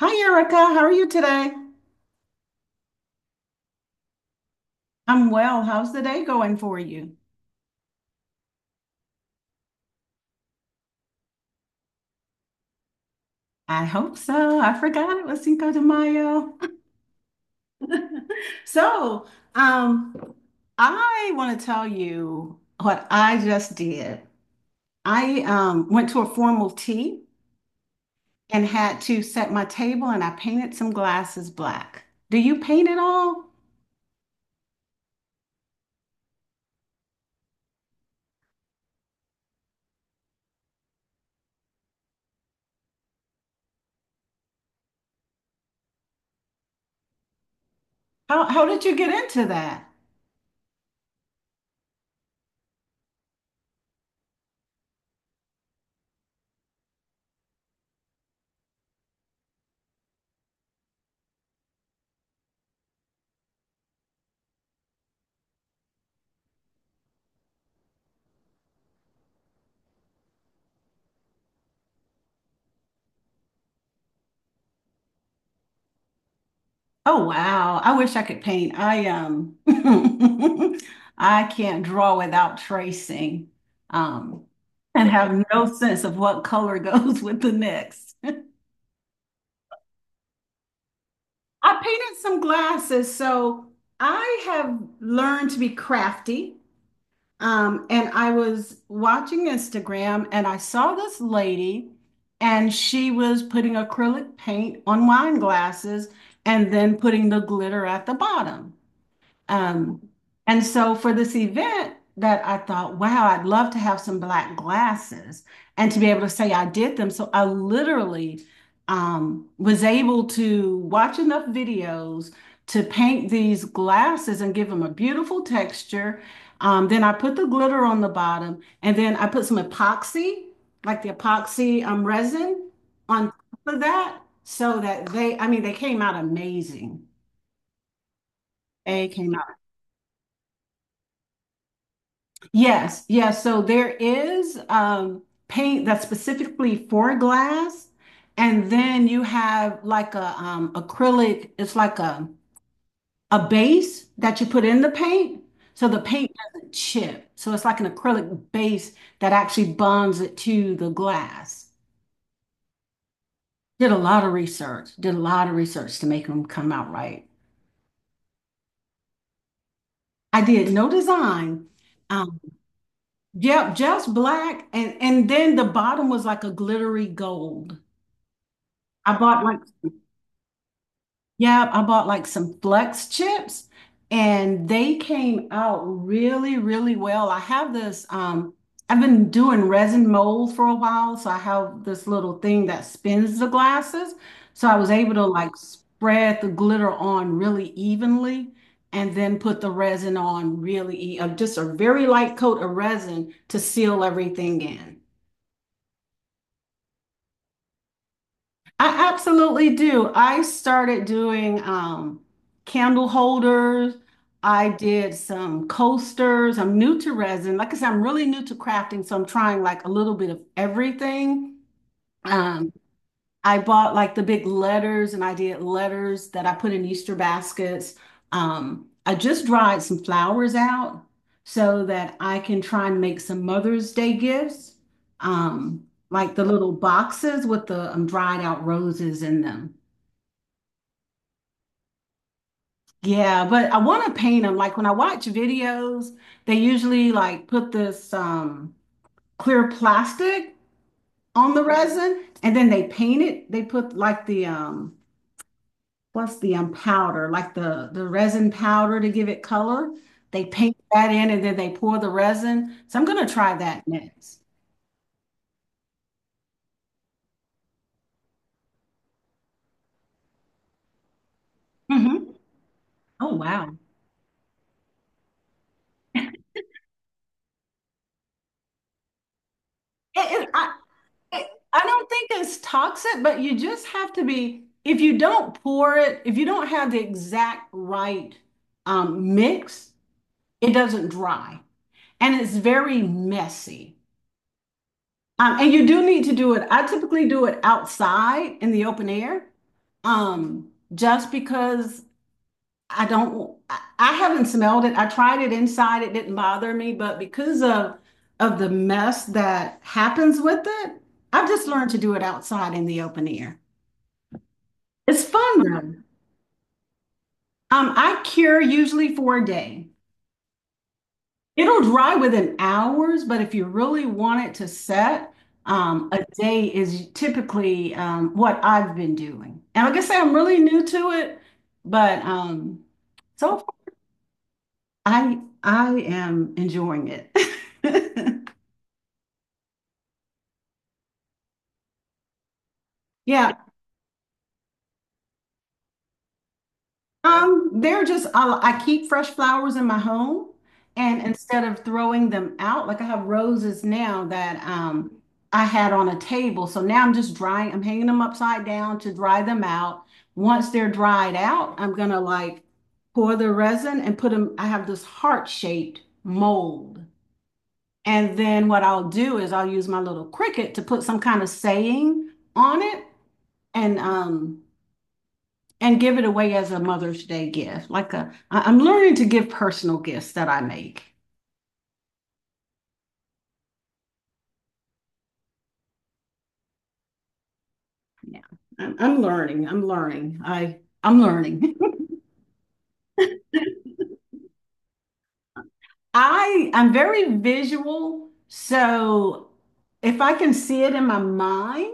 Hi, Erica. How are you today? I'm well. How's the day going for you? I hope so. I forgot it was Cinco de Mayo. So, um, I want to tell you what I just did. I went to a formal tea and had to set my table, and I painted some glasses black. Do you paint at all? How did you get into that? Oh wow. I wish I could paint. I I can't draw without tracing. Um and have no sense of what color goes with the next. I painted some glasses, so I have learned to be crafty. And I was watching Instagram and I saw this lady and she was putting acrylic paint on wine glasses and then putting the glitter at the bottom. Um, and so for this event that I thought, wow, I'd love to have some black glasses and to be able to say I did them. So I literally was able to watch enough videos to paint these glasses and give them a beautiful texture. Then I put the glitter on the bottom and then I put some epoxy, like the epoxy resin on top of that so that they, I mean, they came out amazing. They came yes, yes. So there is paint that's specifically for glass, and then you have like a acrylic. It's like a base that you put in the paint, so the paint doesn't chip. So it's like an acrylic base that actually bonds it to the glass. Did a lot of research. Did a lot of research to make them come out right. I did no design. Um, yep, just black, and then the bottom was like a glittery gold. I bought like, yeah, I bought like some flex chips and they came out really, really well. I have this, I've been doing resin mold for a while, so I have this little thing that spins the glasses. So I was able to like spread the glitter on really evenly and then put the resin on really, just a very light coat of resin to seal everything in. I absolutely do. I started doing candle holders. I did some coasters. I'm new to resin. Like I said, I'm really new to crafting, so I'm trying like a little bit of everything. Mhm. I bought like the big letters and I did letters that I put in Easter baskets. I just dried some flowers out so that I can try and make some Mother's Day gifts, um, like the little boxes with the dried out roses in them. Yeah, but I want to paint them. Like when I watch videos, they usually like put this clear plastic on the resin and then they paint it. They put like the what's the powder, like the resin powder to give it color. They paint that in and then they pour the resin. So I'm gonna try that next. Hmm Oh wow. It, it, I, it, I don't think it's toxic, but you just have to be, if you don't pour it, if you don't have the exact right mix, it doesn't dry and it's very messy. And you do need to do it. I typically do it outside in the open air, um, just because I haven't smelled it. I tried it inside. It didn't bother me, but because of the mess that happens with it, I've just learned to do it outside in the open air. It's fun though. I cure usually for a day. It'll dry within hours, but if you really want it to set, a day is typically what I've been doing. And like I say, I'm really new to it, but so I am enjoying it. Yeah. They're just I keep fresh flowers in my home and instead of throwing them out, like I have roses now that I had on a table. So now I'm just drying, I'm hanging them upside down to dry them out. Once they're dried out, I'm gonna like pour the resin and put them, I have this heart-shaped mold. And then what I'll do is I'll use my little Cricut to put some kind of saying on it. and um and give it away as a Mother's Day gift. I- I'm learning to give personal gifts that I make. Yeah, I'm learning. I'm learning. I'm learning. I'm very visual, so if I can see it in my mind.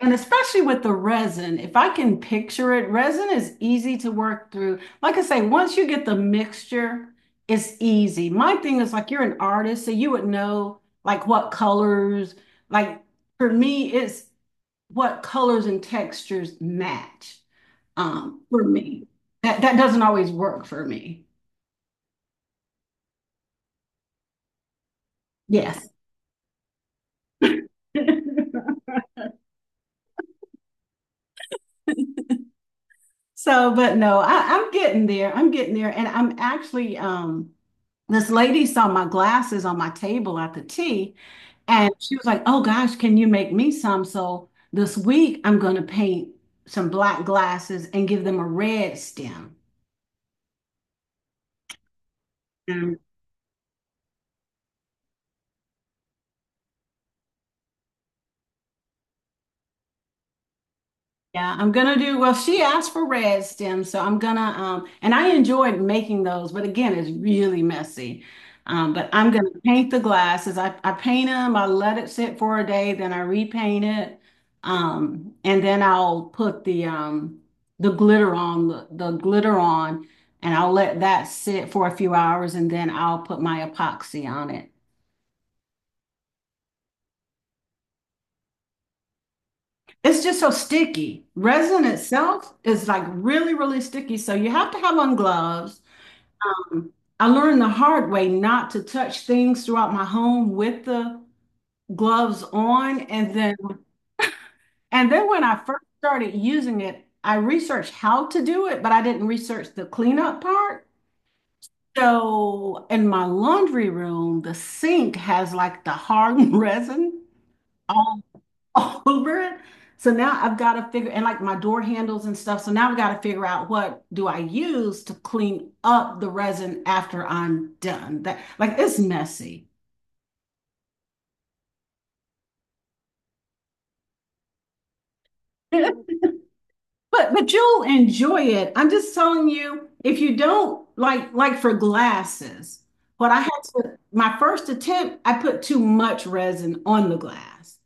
And especially with the resin, if I can picture it, resin is easy to work through. Like I say, once you get the mixture, it's easy. My thing is like you're an artist, so you would know like what colors, like for me, it's what colors and textures match. For me. That doesn't always work for me. Yes. So, but no, I'm getting there. I'm getting there. And I'm actually, this lady saw my glasses on my table at the tea, and she was like, Oh gosh, can you make me some? So this week I'm going to paint some black glasses and give them a red stem. Yeah, I'm gonna do, well, she asked for red stems, so I'm gonna and I enjoyed making those, but again, it's really messy. But I'm gonna paint the glasses. I paint them, I let it sit for a day, then I repaint it. And then I'll put the glitter on the glitter on and I'll let that sit for a few hours and then I'll put my epoxy on it. It's just so sticky. Resin itself is like really, really sticky. So you have to have on gloves. I learned the hard way not to touch things throughout my home with the gloves on. And then when I first started using it, I researched how to do it, but I didn't research the cleanup part. So in my laundry room, the sink has like the hard resin all over it. So now I've got to figure and like my door handles and stuff. So now I've got to figure out what do I use to clean up the resin after I'm done. That like it's messy. But you'll enjoy it. I'm just telling you, if you don't like for glasses, what I had to my first attempt, I put too much resin on the glass.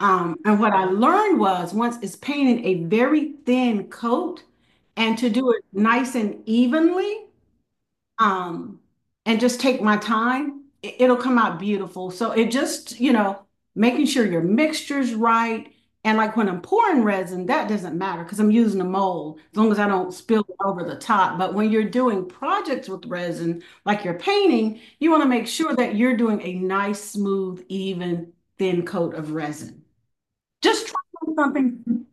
And what I learned was once it's painted a very thin coat, and to do it nice and evenly um, and just take my time, it'll come out beautiful. So it just, making sure your mixture's right. And like when I'm pouring resin, that doesn't matter because I'm using a mold as long as I don't spill it over the top. But when you're doing projects with resin, like you're painting, you want to make sure that you're doing a nice, smooth, even, thin coat of resin. Just try something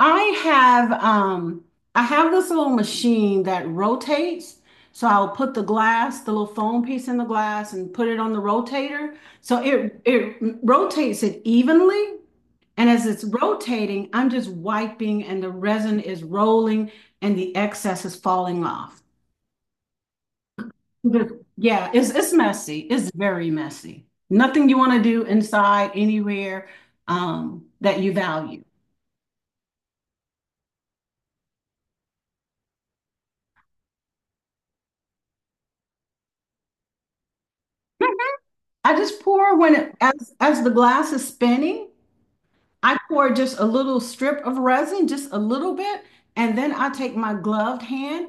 I have um I have this little machine that rotates. So I'll put the glass, the little foam piece in the glass and put it on the rotator. So it rotates it evenly. And as it's rotating, I'm just wiping and the resin is rolling and the excess is falling off. But yeah, it's messy. It's very messy. Nothing you want to do inside anywhere that you value. I just pour when it as the glass is spinning, I pour just a little strip of resin, just a little bit, and then I take my gloved hand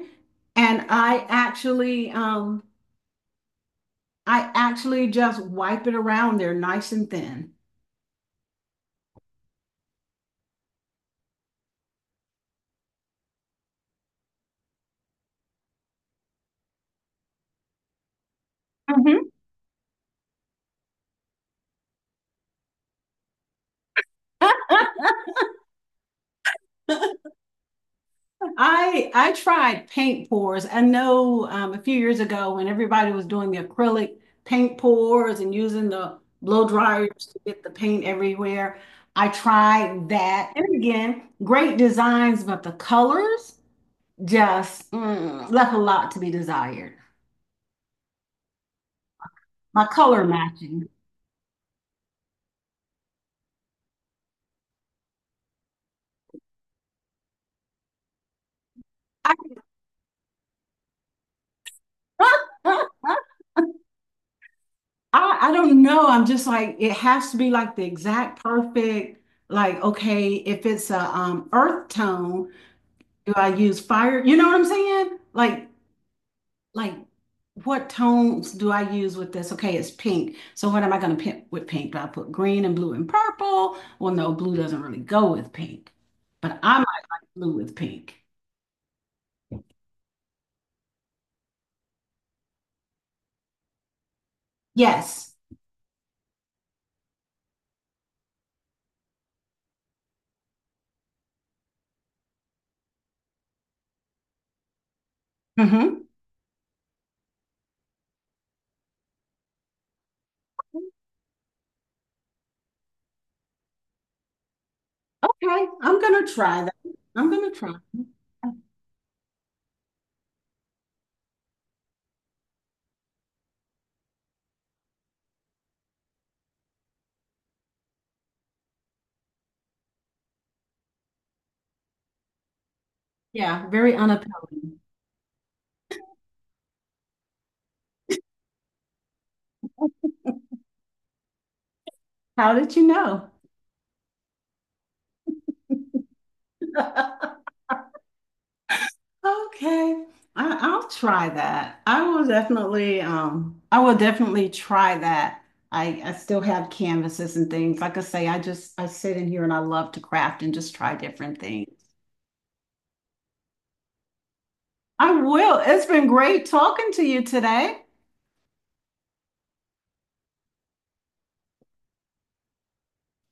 and I actually just wipe it around there nice and thin. Mhm. I tried paint pours. I know a few years ago when everybody was doing the acrylic paint pours and using the blow dryers to get the paint everywhere. I tried that. And again, great designs, but the colors just left a lot to be desired. My color matching. I, I I don't know. I'm just like it has to be like the exact perfect, like okay, if it's a earth tone do I use fire? You know what I'm saying? Like what tones do I use with this? Okay, it's pink. So what am I going to pick with pink? Do I put green and blue and purple? Well, no, blue doesn't really go with pink, but I might like blue with pink. Yes. hmm Okay, I'm gonna try that. I'm gonna try. Yeah, very unappealing. How did you know? Okay. I'll try that. I will definitely try that. I still have canvases and things. Like I say, I sit in here and I love to craft and just try different things. I will. It's been great talking to you today.